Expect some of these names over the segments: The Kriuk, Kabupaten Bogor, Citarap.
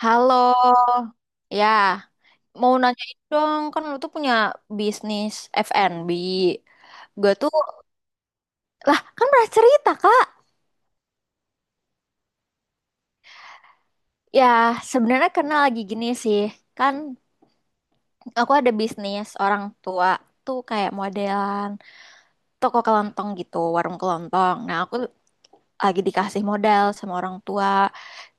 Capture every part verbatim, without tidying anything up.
Halo, ya mau nanyain dong, kan lu tuh punya bisnis F and B. Gue tuh, lah kan pernah cerita kak. Ya sebenarnya karena lagi gini sih, kan aku ada bisnis orang tua tuh kayak modelan toko kelontong gitu, warung kelontong. Nah aku lagi dikasih modal sama orang tua,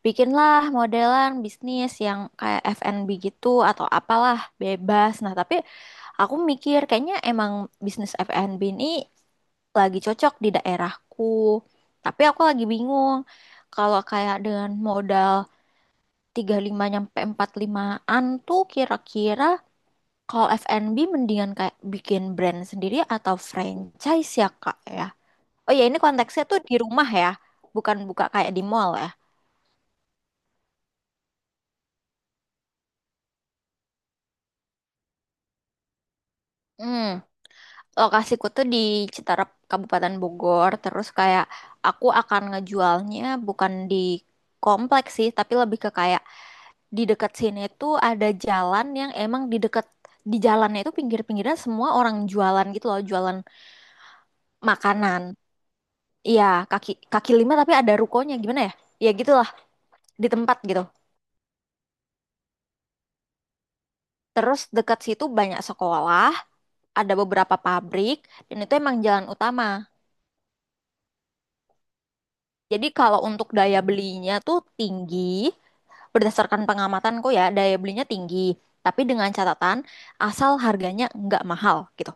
bikinlah modelan bisnis yang kayak F and B gitu atau apalah bebas. Nah tapi aku mikir kayaknya emang bisnis F and B ini lagi cocok di daerahku. Tapi aku lagi bingung kalau kayak dengan modal tiga puluh lima nyampe empat puluh lima limaan tuh kira-kira kalau F and B mendingan kayak bikin brand sendiri atau franchise ya Kak ya. Oh ya ini konteksnya tuh di rumah ya, bukan buka kayak di mall ya. Hmm. Lokasiku tuh di Citarap Kabupaten Bogor terus kayak aku akan ngejualnya bukan di kompleks sih tapi lebih ke kayak di dekat sini tuh ada jalan yang emang di dekat di jalannya itu pinggir-pinggirnya semua orang jualan gitu loh, jualan makanan. Iya, kaki kaki lima tapi ada rukonya, gimana ya, ya gitulah, di tempat gitu. Terus dekat situ banyak sekolah, ada beberapa pabrik dan itu emang jalan utama, jadi kalau untuk daya belinya tuh tinggi. Berdasarkan pengamatanku ya, daya belinya tinggi, tapi dengan catatan asal harganya nggak mahal gitu.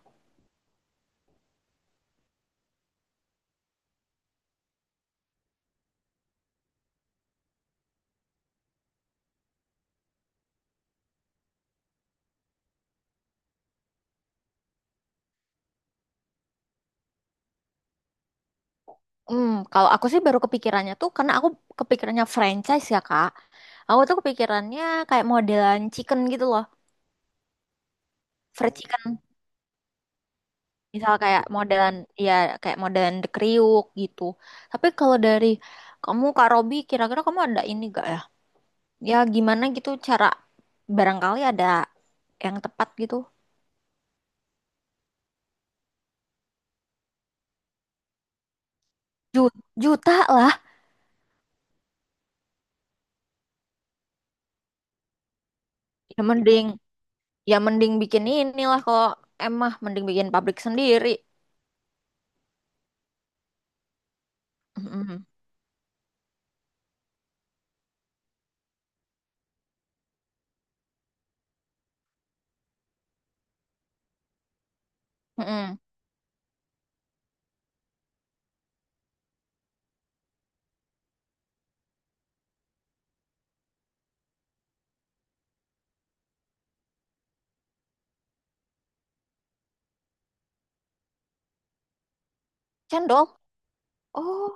Hmm, kalau aku sih baru kepikirannya tuh karena aku kepikirannya franchise ya, Kak. Aku tuh kepikirannya kayak modelan chicken gitu loh, fried chicken. Misal kayak modelan ya kayak modelan The Kriuk gitu. Tapi kalau dari kamu Kak Robi, kira-kira kamu ada ini gak ya? Ya gimana gitu cara, barangkali ada yang tepat gitu. Ju- Juta lah. Ya mending Ya mending bikin inilah, kalau emah mending bikin pabrik sendiri. Mm-mm. Mm-mm. Cendol. Oh.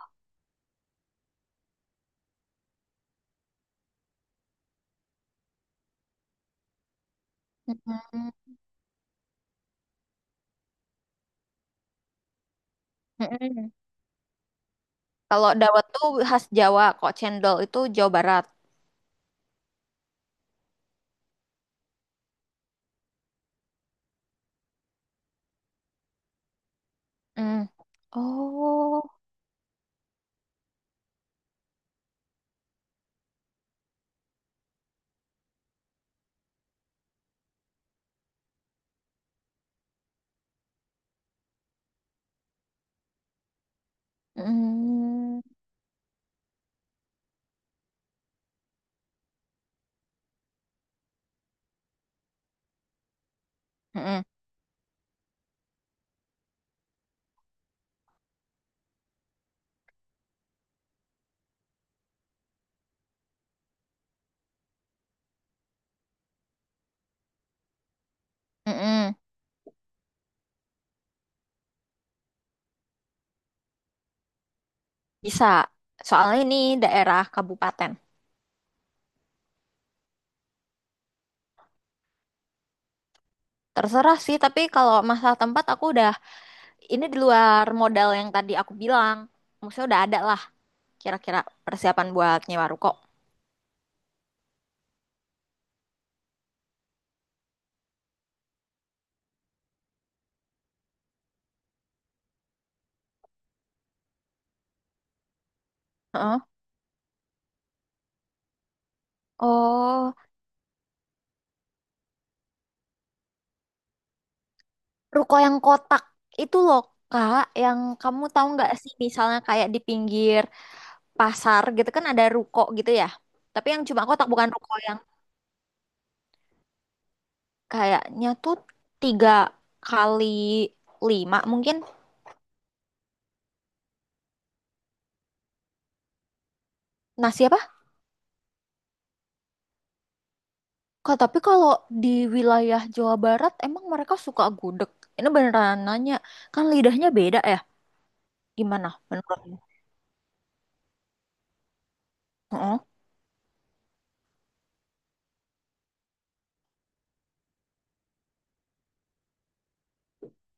Mm-mm. Mm-mm. Kalau dawet tuh khas Jawa, kok cendol itu Jawa Barat. Mm. Oh. Mm. Mm-mm. Mm-mm. Bisa. Soalnya ini daerah kabupaten. Terserah sih, tapi kalau masalah tempat aku udah, ini di luar modal yang tadi aku bilang. Maksudnya udah ada lah kira-kira persiapan buat nyewa ruko. Heeh. Oh. Ruko yang kotak itu loh Kak, yang kamu tahu nggak sih, misalnya kayak di pinggir pasar gitu kan ada ruko gitu ya. Tapi yang cuma kotak, bukan ruko, yang kayaknya tuh tiga kali lima mungkin. Nasi apa? Kak, tapi kalau di wilayah Jawa Barat emang mereka suka gudeg? Ini beneran nanya, kan lidahnya beda ya? Gimana menurutmu? Heeh.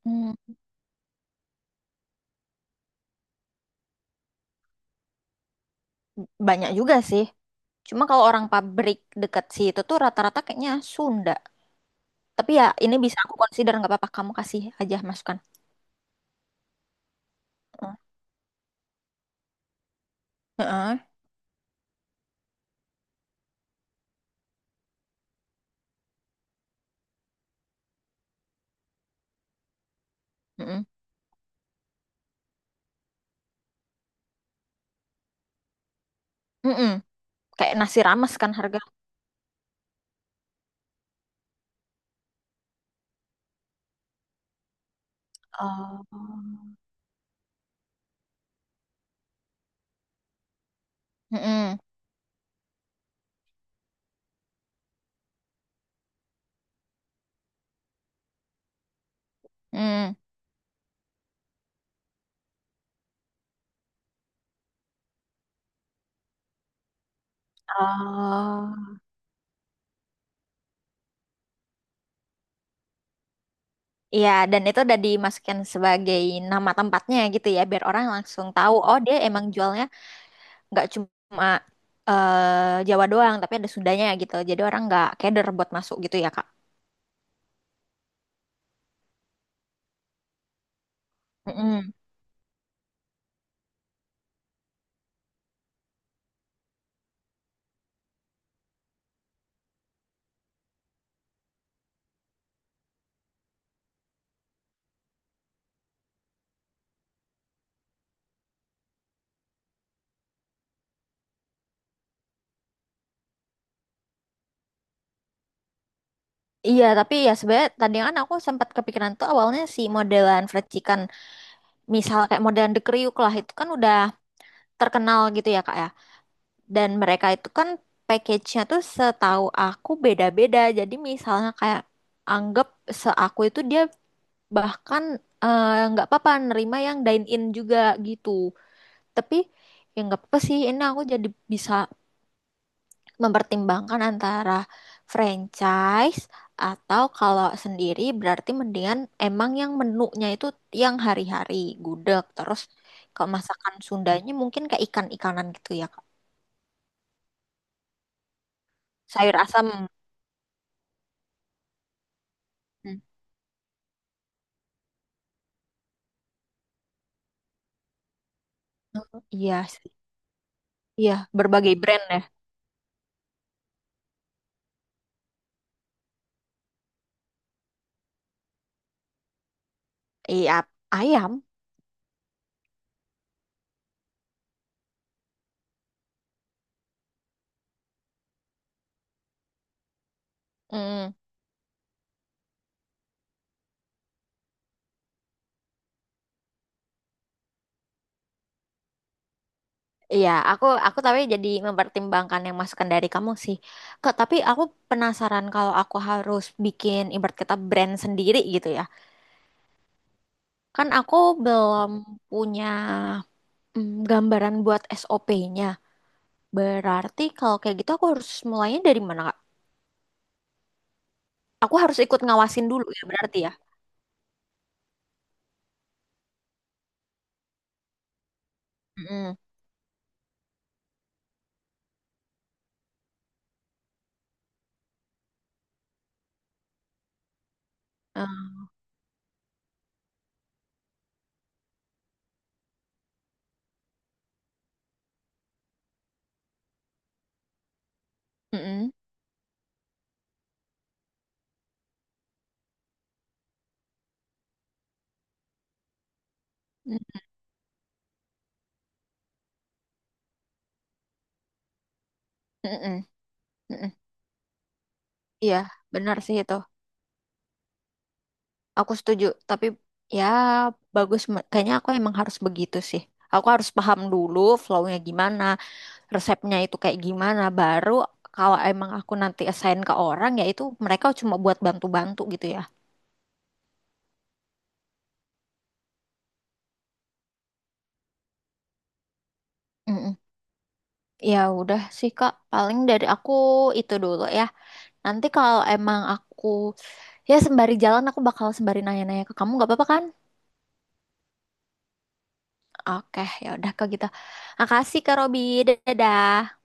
Hmm, banyak juga sih. Cuma kalau orang pabrik dekat situ tuh rata-rata kayaknya Sunda. Tapi ya ini bisa aku consider, nggak apa-apa kamu kasih aja masukan. Heeh. Heeh. Heeh. Heeh. Kayak nasi rames kan harga. Oh. Heeh. Heeh. Oh. Iya, dan itu udah dimasukkan sebagai nama tempatnya gitu ya, biar orang langsung tahu, oh dia emang jualnya nggak cuma eh, Jawa doang, tapi ada Sundanya gitu. Jadi orang nggak keder buat masuk gitu ya, Kak. Mm-mm. Iya, tapi ya sebenarnya tadi kan aku sempat kepikiran tuh awalnya si modelan fried chicken. Misal kayak modern The Kriuk lah, itu kan udah terkenal gitu ya kak ya, dan mereka itu kan package-nya tuh setahu aku beda-beda, jadi misalnya kayak anggap seaku itu dia bahkan eh, nggak apa-apa nerima yang dine in juga gitu, tapi ya nggak apa-apa sih, ini aku jadi bisa mempertimbangkan antara franchise, atau kalau sendiri berarti mendingan emang yang menunya itu yang hari-hari gudeg terus, kalau masakan Sundanya mungkin kayak ikan-ikanan gitu ya Kak. Sayur asam. Hmm. Iya sih, iya berbagai brand ya. Iya ayam. Mm. Iya, aku aku tapi jadi mempertimbangkan yang masukan dari kamu sih. Kak, tapi aku penasaran kalau aku harus bikin ibarat kata brand sendiri gitu ya. Kan aku belum punya mm, gambaran buat S O P-nya. Berarti kalau kayak gitu aku harus mulainya dari mana, Kak? Aku harus ikut ngawasin dulu ya berarti ya. Mm-mm. Ah, mm-mm. Mm-mm. Mm-mm. Iya, benar sih itu. Aku setuju. Tapi ya bagus. me- Kayaknya aku emang harus begitu sih. Aku harus paham dulu flow-nya gimana, resepnya itu kayak gimana. Baru kalau emang aku nanti assign ke orang ya, itu mereka cuma buat bantu-bantu gitu ya. Mm-mm. Ya udah sih Kak, paling dari aku itu dulu ya. Nanti kalau emang aku, ya sembari jalan aku bakal sembari nanya-nanya ke kamu, nggak apa-apa kan? Oke, ya udah Kak gitu. Makasih Kak Robi. Dadah.